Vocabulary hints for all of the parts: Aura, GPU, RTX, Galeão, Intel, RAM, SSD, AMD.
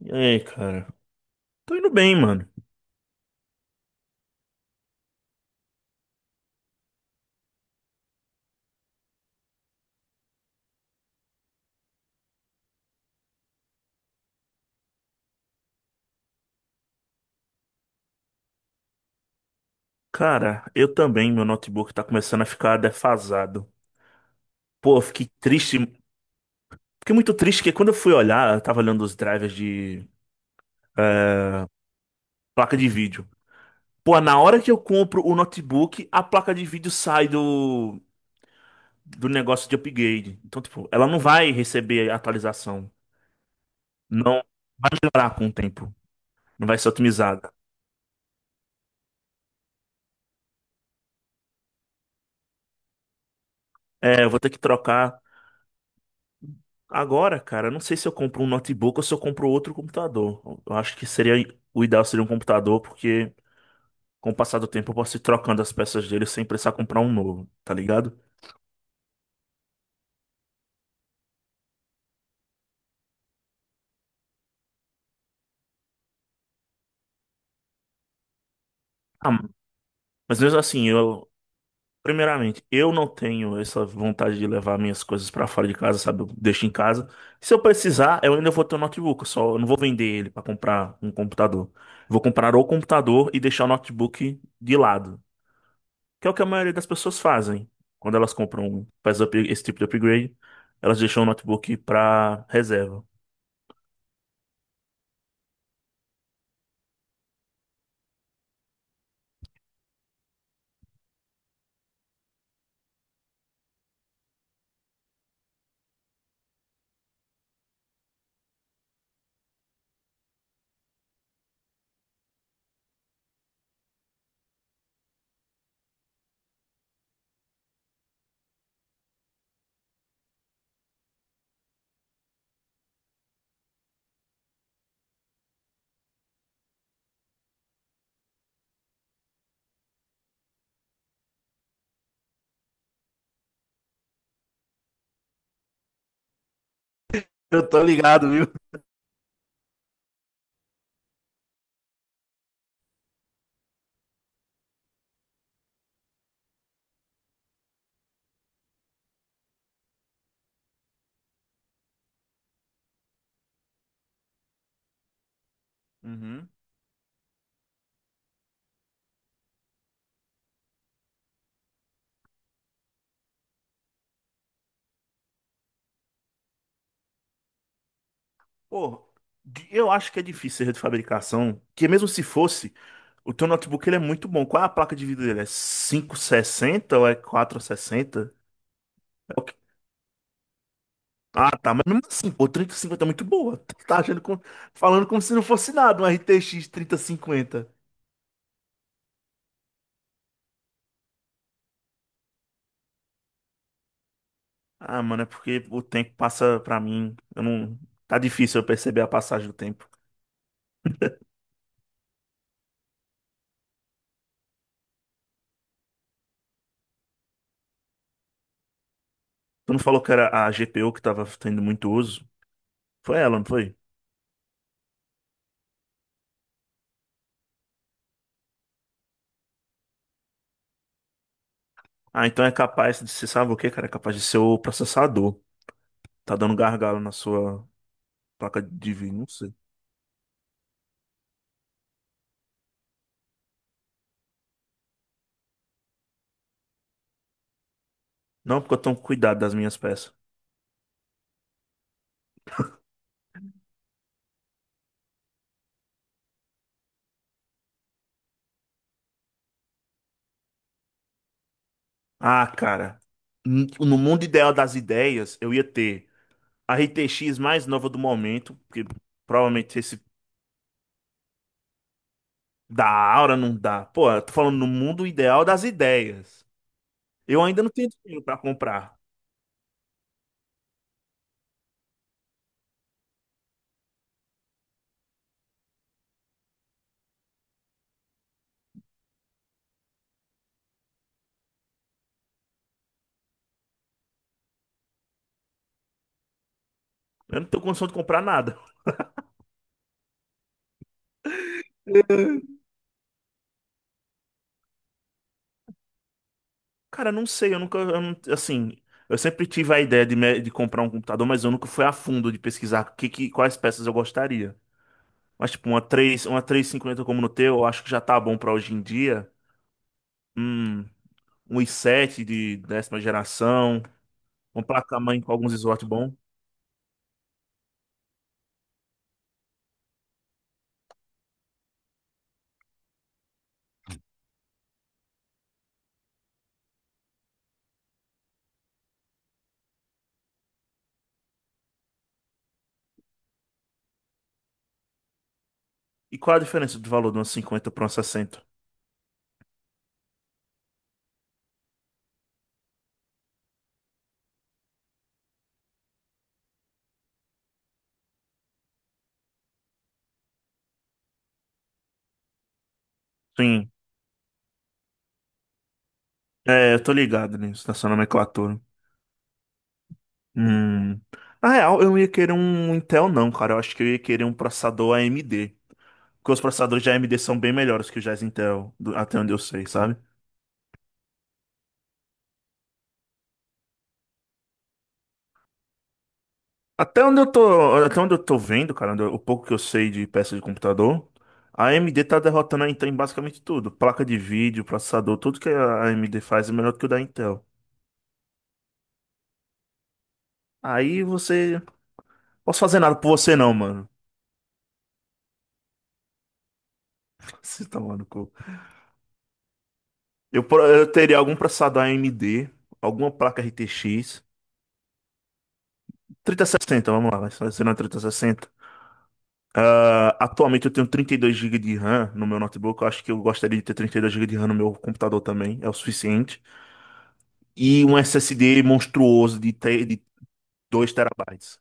E aí, cara? Tô indo bem, mano. Cara, eu também, meu notebook tá começando a ficar defasado. Pô, eu fiquei triste. Fiquei muito triste que quando eu fui olhar, eu tava olhando os drivers de placa de vídeo. Pô, na hora que eu compro o notebook, a placa de vídeo sai do negócio de upgrade. Então, tipo, ela não vai receber atualização. Não vai melhorar com o tempo. Não vai ser otimizada. É, eu vou ter que trocar. Agora, cara, eu não sei se eu compro um notebook ou se eu compro outro computador. Eu acho que seria o ideal seria um computador, porque com o passar do tempo eu posso ir trocando as peças dele sem precisar comprar um novo, tá ligado? Ah, mas mesmo assim, primeiramente, eu não tenho essa vontade de levar minhas coisas pra fora de casa, sabe? Eu deixo em casa. Se eu precisar, eu ainda vou ter um notebook, eu não vou vender ele pra comprar um computador. Vou comprar o computador e deixar o notebook de lado. Que é o que a maioria das pessoas fazem. Quando elas compram, esse tipo de upgrade, elas deixam o notebook para reserva. Eu tô ligado, viu? Uhum. Pô, eu acho que é difícil erro de fabricação, que mesmo se fosse, o teu notebook ele é muito bom. Qual é a placa de vídeo dele? É 560 ou é 460? É o que- Ah, tá, mas mesmo assim, pô, 3050 é muito boa. Tá achando falando como se não fosse nada, um RTX cinquenta. Ah, mano, é porque o tempo passa pra mim. Eu não. Tá difícil eu perceber a passagem do tempo. Tu não falou que era a GPU que tava tendo muito uso? Foi ela, não foi? Ah, então é capaz de ser, sabe o quê, cara? É capaz de ser o processador. Tá dando gargalo na sua placa de vídeo, não sei. Não, porque eu tomo cuidado das minhas peças. Ah, cara. No mundo ideal das ideias, eu ia ter a RTX mais nova do momento, porque provavelmente esse da Aura não dá. Pô, eu tô falando no mundo ideal das ideias. Eu ainda não tenho dinheiro pra comprar. Eu não tenho condição de comprar nada. Cara, eu não sei, eu nunca, eu não- assim, eu sempre tive a ideia de, de comprar um computador, mas eu nunca fui a fundo de pesquisar quais peças eu gostaria. Mas tipo, uma 3050 como no teu, eu acho que já tá bom pra hoje em dia. Hum, um i7 de 10ª geração, uma placa-mãe com alguns slots. E qual a diferença de valor de uma 50 para uma 60? Sim. É, eu tô ligado nisso, nessa nomenclatura. Hum. Na real, eu não ia querer um Intel, não, cara. Eu acho que eu ia querer um processador AMD. Porque os processadores de AMD são bem melhores que os da Intel, até onde eu sei, sabe? Até onde eu tô vendo, cara, o pouco que eu sei de peça de computador, a AMD tá derrotando a Intel em basicamente tudo. Placa de vídeo, processador, tudo que a AMD faz é melhor do que o da Intel. Aí você. Posso fazer nada por você não, mano. Você tá maluco. Eu teria algum processador AMD, alguma placa RTX sessenta, vamos lá, vai ser na 3060. Ah, atualmente eu tenho 32 GB de RAM no meu notebook. Eu acho que eu gostaria de ter 32 GB de RAM no meu computador também. É o suficiente. E um SSD monstruoso de 2 terabytes.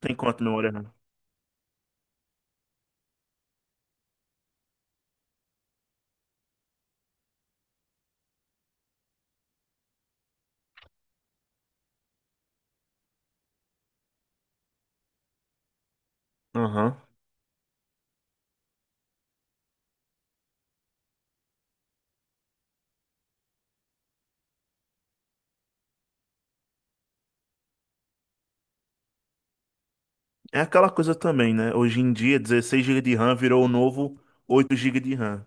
Tem quanto memória RAM? Aham. É aquela coisa também, né? Hoje em dia, 16 gigas de RAM virou o novo 8 gigas de RAM.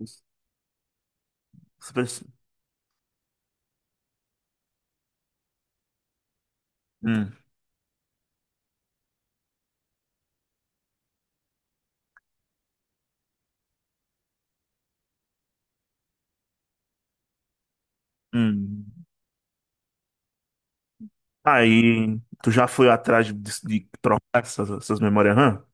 Os- os preços- Hum, hum. Aí, tu já foi atrás de trocar essas memórias RAM?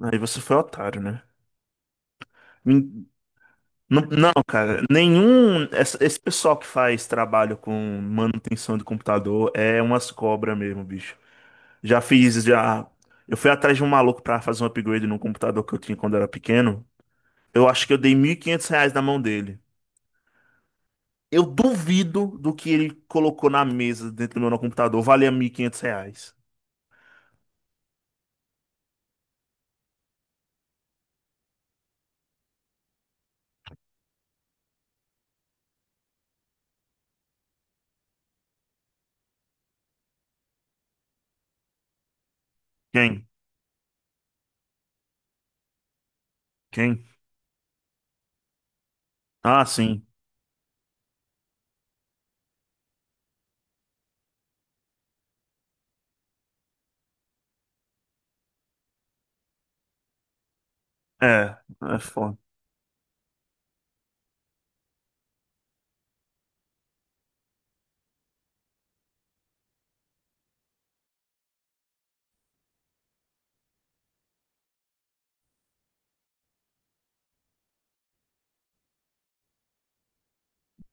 Aí você foi otário, né? Min- Não, não, cara, nenhum. Esse pessoal que faz trabalho com manutenção de computador é umas cobras mesmo, bicho. Já fiz, já. Eu fui atrás de um maluco pra fazer um upgrade num computador que eu tinha quando eu era pequeno. Eu acho que eu dei R$ 1.500 na mão dele. Eu duvido do que ele colocou na mesa dentro do meu no computador. Valia R$ 1.500. Quem? Quem? Ah, sim. É, é foda.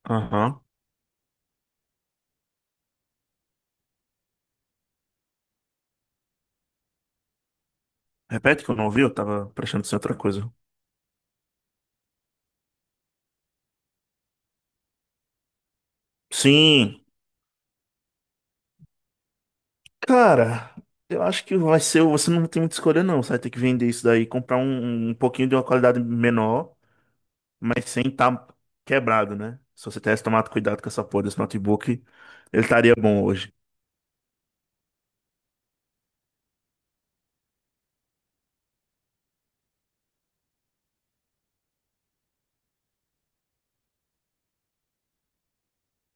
Aham. Repete que eu não ouvi, eu tava prestando atenção em outra coisa. Sim. Cara, eu acho que vai ser. Você não tem muita escolha, não. Você vai ter que vender isso daí, comprar um pouquinho de uma qualidade menor. Mas sem estar quebrado, né? Se você tivesse tomado cuidado com essa porra desse notebook, ele estaria bom hoje.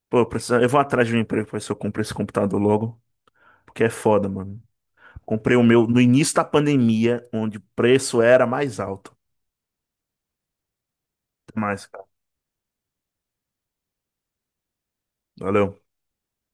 Pô, eu vou atrás de um emprego pra ver se eu compro esse computador logo, porque é foda, mano. Comprei o meu no início da pandemia, onde o preço era mais alto. Até mais, cara. Valeu.